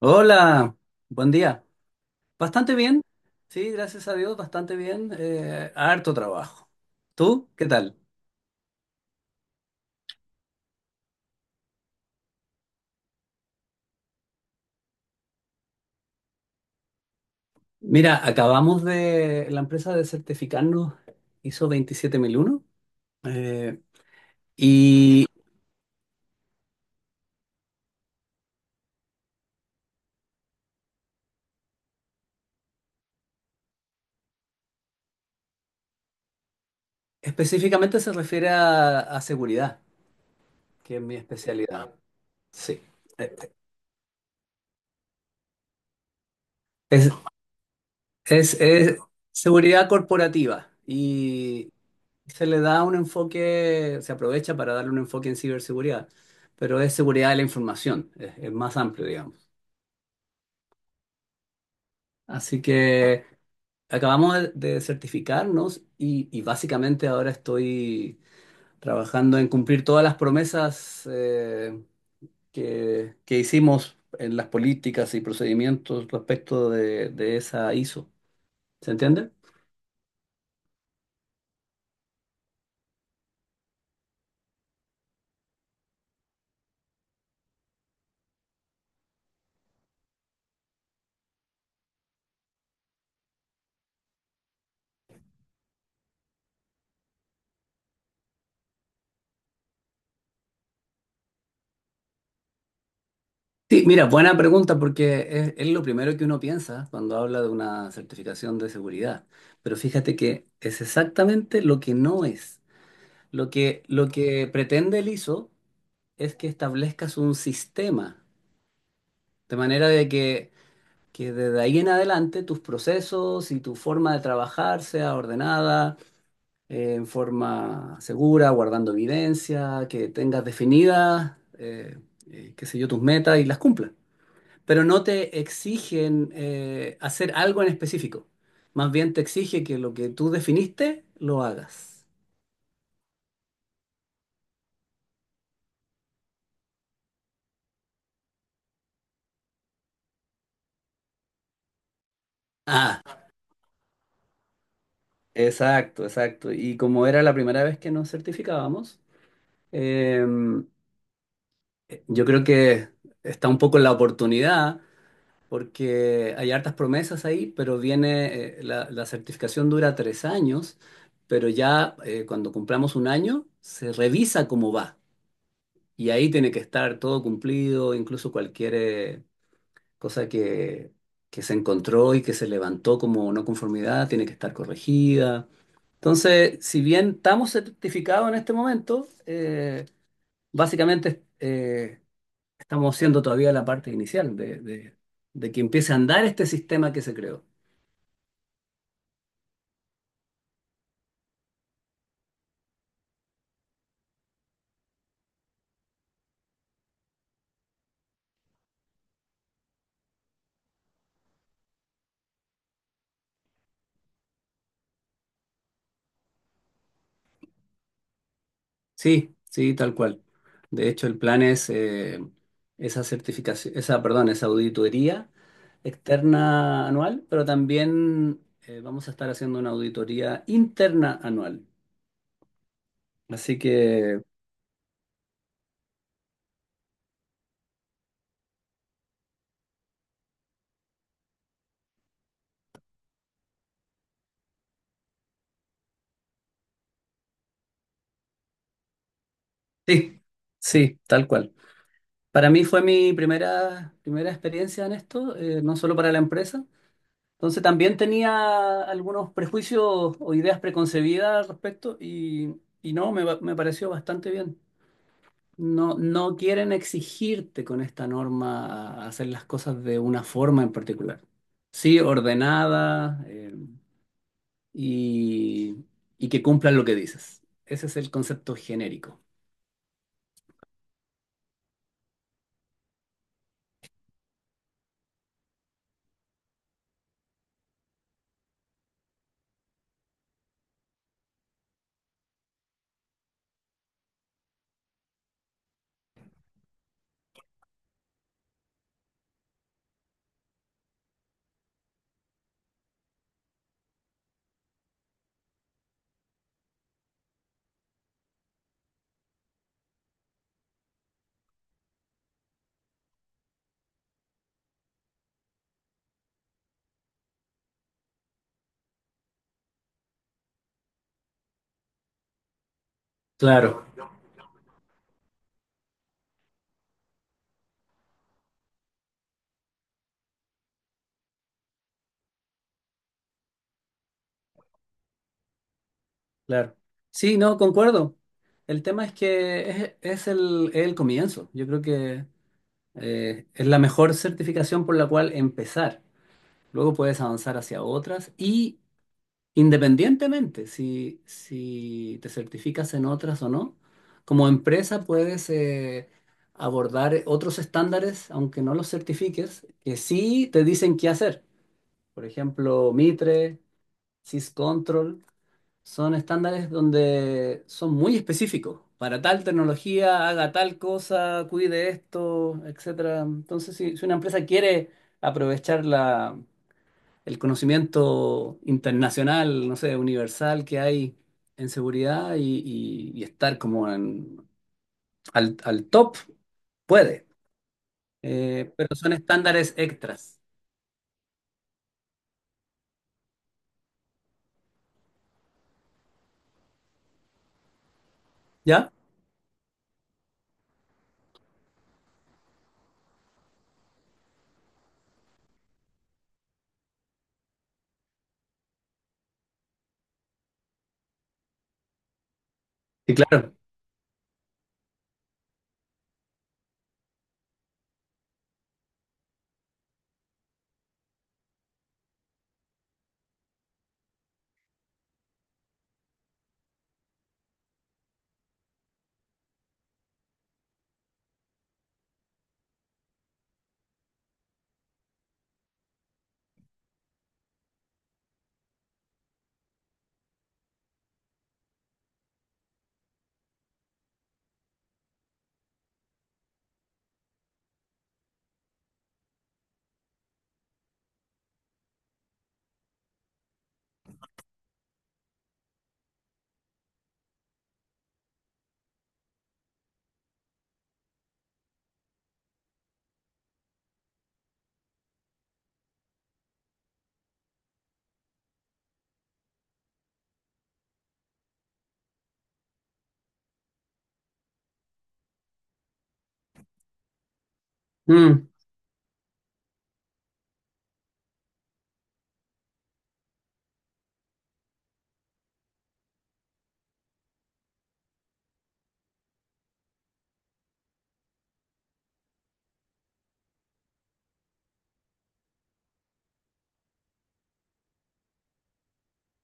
Hola, buen día. Bastante bien, sí, gracias a Dios, bastante bien. Harto trabajo. ¿Tú qué tal? Mira, acabamos de, la empresa de certificarnos ISO 27001 eh, y específicamente se refiere a seguridad, que es mi especialidad. Sí. Eh, es, es seguridad corporativa y, se le da un enfoque, se aprovecha para darle un enfoque en ciberseguridad, pero es seguridad de la información, es más amplio, digamos. Así que acabamos de certificarnos y básicamente ahora estoy trabajando en cumplir todas las promesas que hicimos en las políticas y procedimientos respecto de esa ISO. ¿Se entiende? Sí, mira, buena pregunta porque es lo primero que uno piensa cuando habla de una certificación de seguridad. Pero fíjate que es exactamente lo que no es. Lo que pretende el ISO es que establezcas un sistema, de manera de que desde ahí en adelante tus procesos y tu forma de trabajar sea ordenada, en forma segura, guardando evidencia, que tengas definidas, qué sé yo, tus metas y las cumplas, pero no te exigen hacer algo en específico. Más bien te exige que lo que tú definiste lo hagas. Ah, exacto, exacto. Y como era la primera vez que nos certificábamos, eh, yo creo que está un poco en la oportunidad, porque hay hartas promesas ahí, pero viene, la certificación dura 3 años, pero ya cuando cumplamos un año, se revisa cómo va. Y ahí tiene que estar todo cumplido, incluso cualquier cosa que se encontró y que se levantó como no conformidad, tiene que estar corregida. Entonces, si bien estamos certificados en este momento, básicamente estamos siendo todavía la parte inicial de que empiece a andar este sistema que se creó. Sí, sí, tal cual. De hecho, el plan es esa certificación, esa, perdón, esa auditoría externa anual, pero también vamos a estar haciendo una auditoría interna anual. Así que sí, sí, tal cual. Para mí fue mi primera, primera experiencia en esto, no solo para la empresa. Entonces también tenía algunos prejuicios o ideas preconcebidas al respecto y no, me pareció bastante bien. No, no quieren exigirte con esta norma a hacer las cosas de una forma en particular. Sí, ordenada, y, y que cumplan lo que dices. Ese es el concepto genérico. Claro, claro. Sí, no, concuerdo. El tema es que es el comienzo. Yo creo que es la mejor certificación por la cual empezar. Luego puedes avanzar hacia otras y independientemente si te certificas en otras o no, como empresa puedes abordar otros estándares, aunque no los certifiques, que sí te dicen qué hacer. Por ejemplo, Mitre, SysControl. Son estándares donde son muy específicos. Para tal tecnología, haga tal cosa, cuide esto, etcétera. Entonces, si una empresa quiere aprovechar la, el conocimiento internacional, no sé, universal que hay en seguridad y estar como al top, puede. Pero son estándares extras. ¿Ya? Sí, claro. Mm.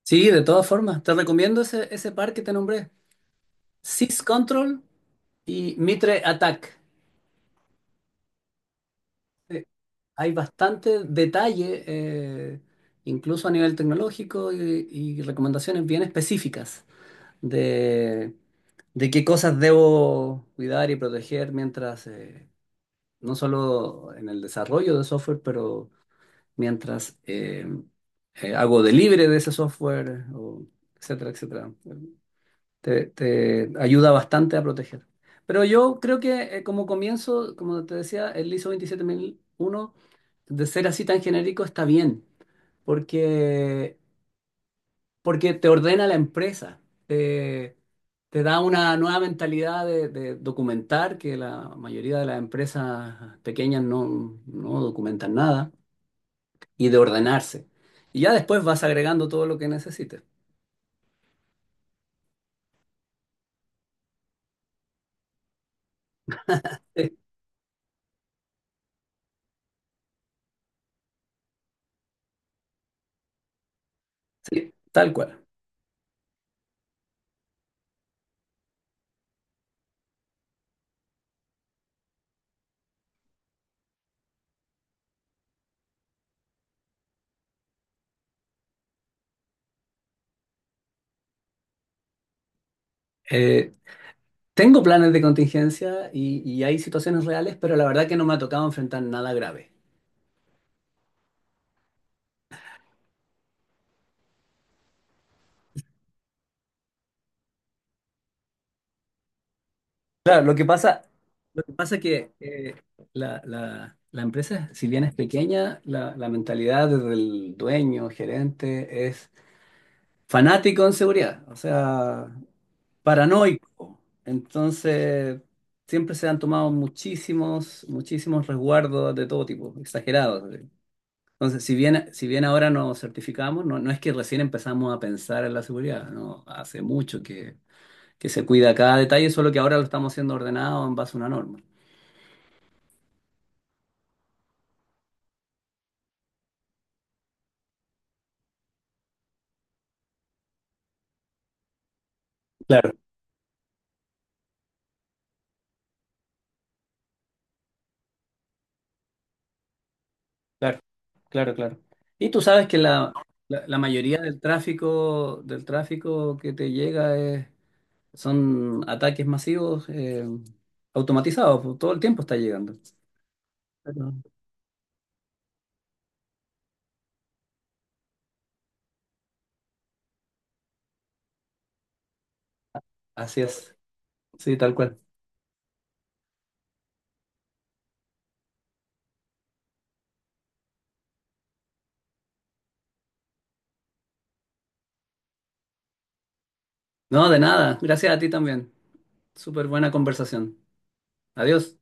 Sí, de todas formas. Te recomiendo ese par que te nombré. SysControl. Y Mitre Attack. Eh, Hay bastante detalle, incluso a nivel tecnológico, y recomendaciones bien específicas de, de qué cosas debo cuidar y proteger mientras, no solo en el desarrollo de software, pero mientras hago delivery de ese software, o etcétera, etcétera. Te ayuda bastante a proteger. Pero yo creo que como comienzo, como te decía, el ISO 27001 de ser así tan genérico, está bien, porque, porque te ordena la empresa, te, te da una nueva mentalidad de documentar, que la mayoría de las empresas pequeñas no documentan nada, y de ordenarse. Y ya después vas agregando todo lo que necesites. Sí, sí, tal cual. Eh, Tengo planes de contingencia y hay situaciones reales, pero la verdad que no me ha tocado enfrentar nada grave. Claro, lo que pasa que la empresa, si bien es pequeña, la mentalidad del dueño, gerente, es fanático en seguridad, o sea, paranoico. Entonces, siempre se han tomado muchísimos, muchísimos resguardos de todo tipo, exagerados. Entonces, si bien ahora nos certificamos, no es que recién empezamos a pensar en la seguridad, no, hace mucho que se cuida cada detalle, solo que ahora lo estamos haciendo ordenado en base a una norma. Claro, claro, claro, claro. Y tú sabes que la mayoría del tráfico que te llega son ataques masivos automatizados, pues, todo el tiempo está llegando. Pero- Así es, sí, tal cual. No, de nada, gracias a ti también. Súper buena conversación. Adiós.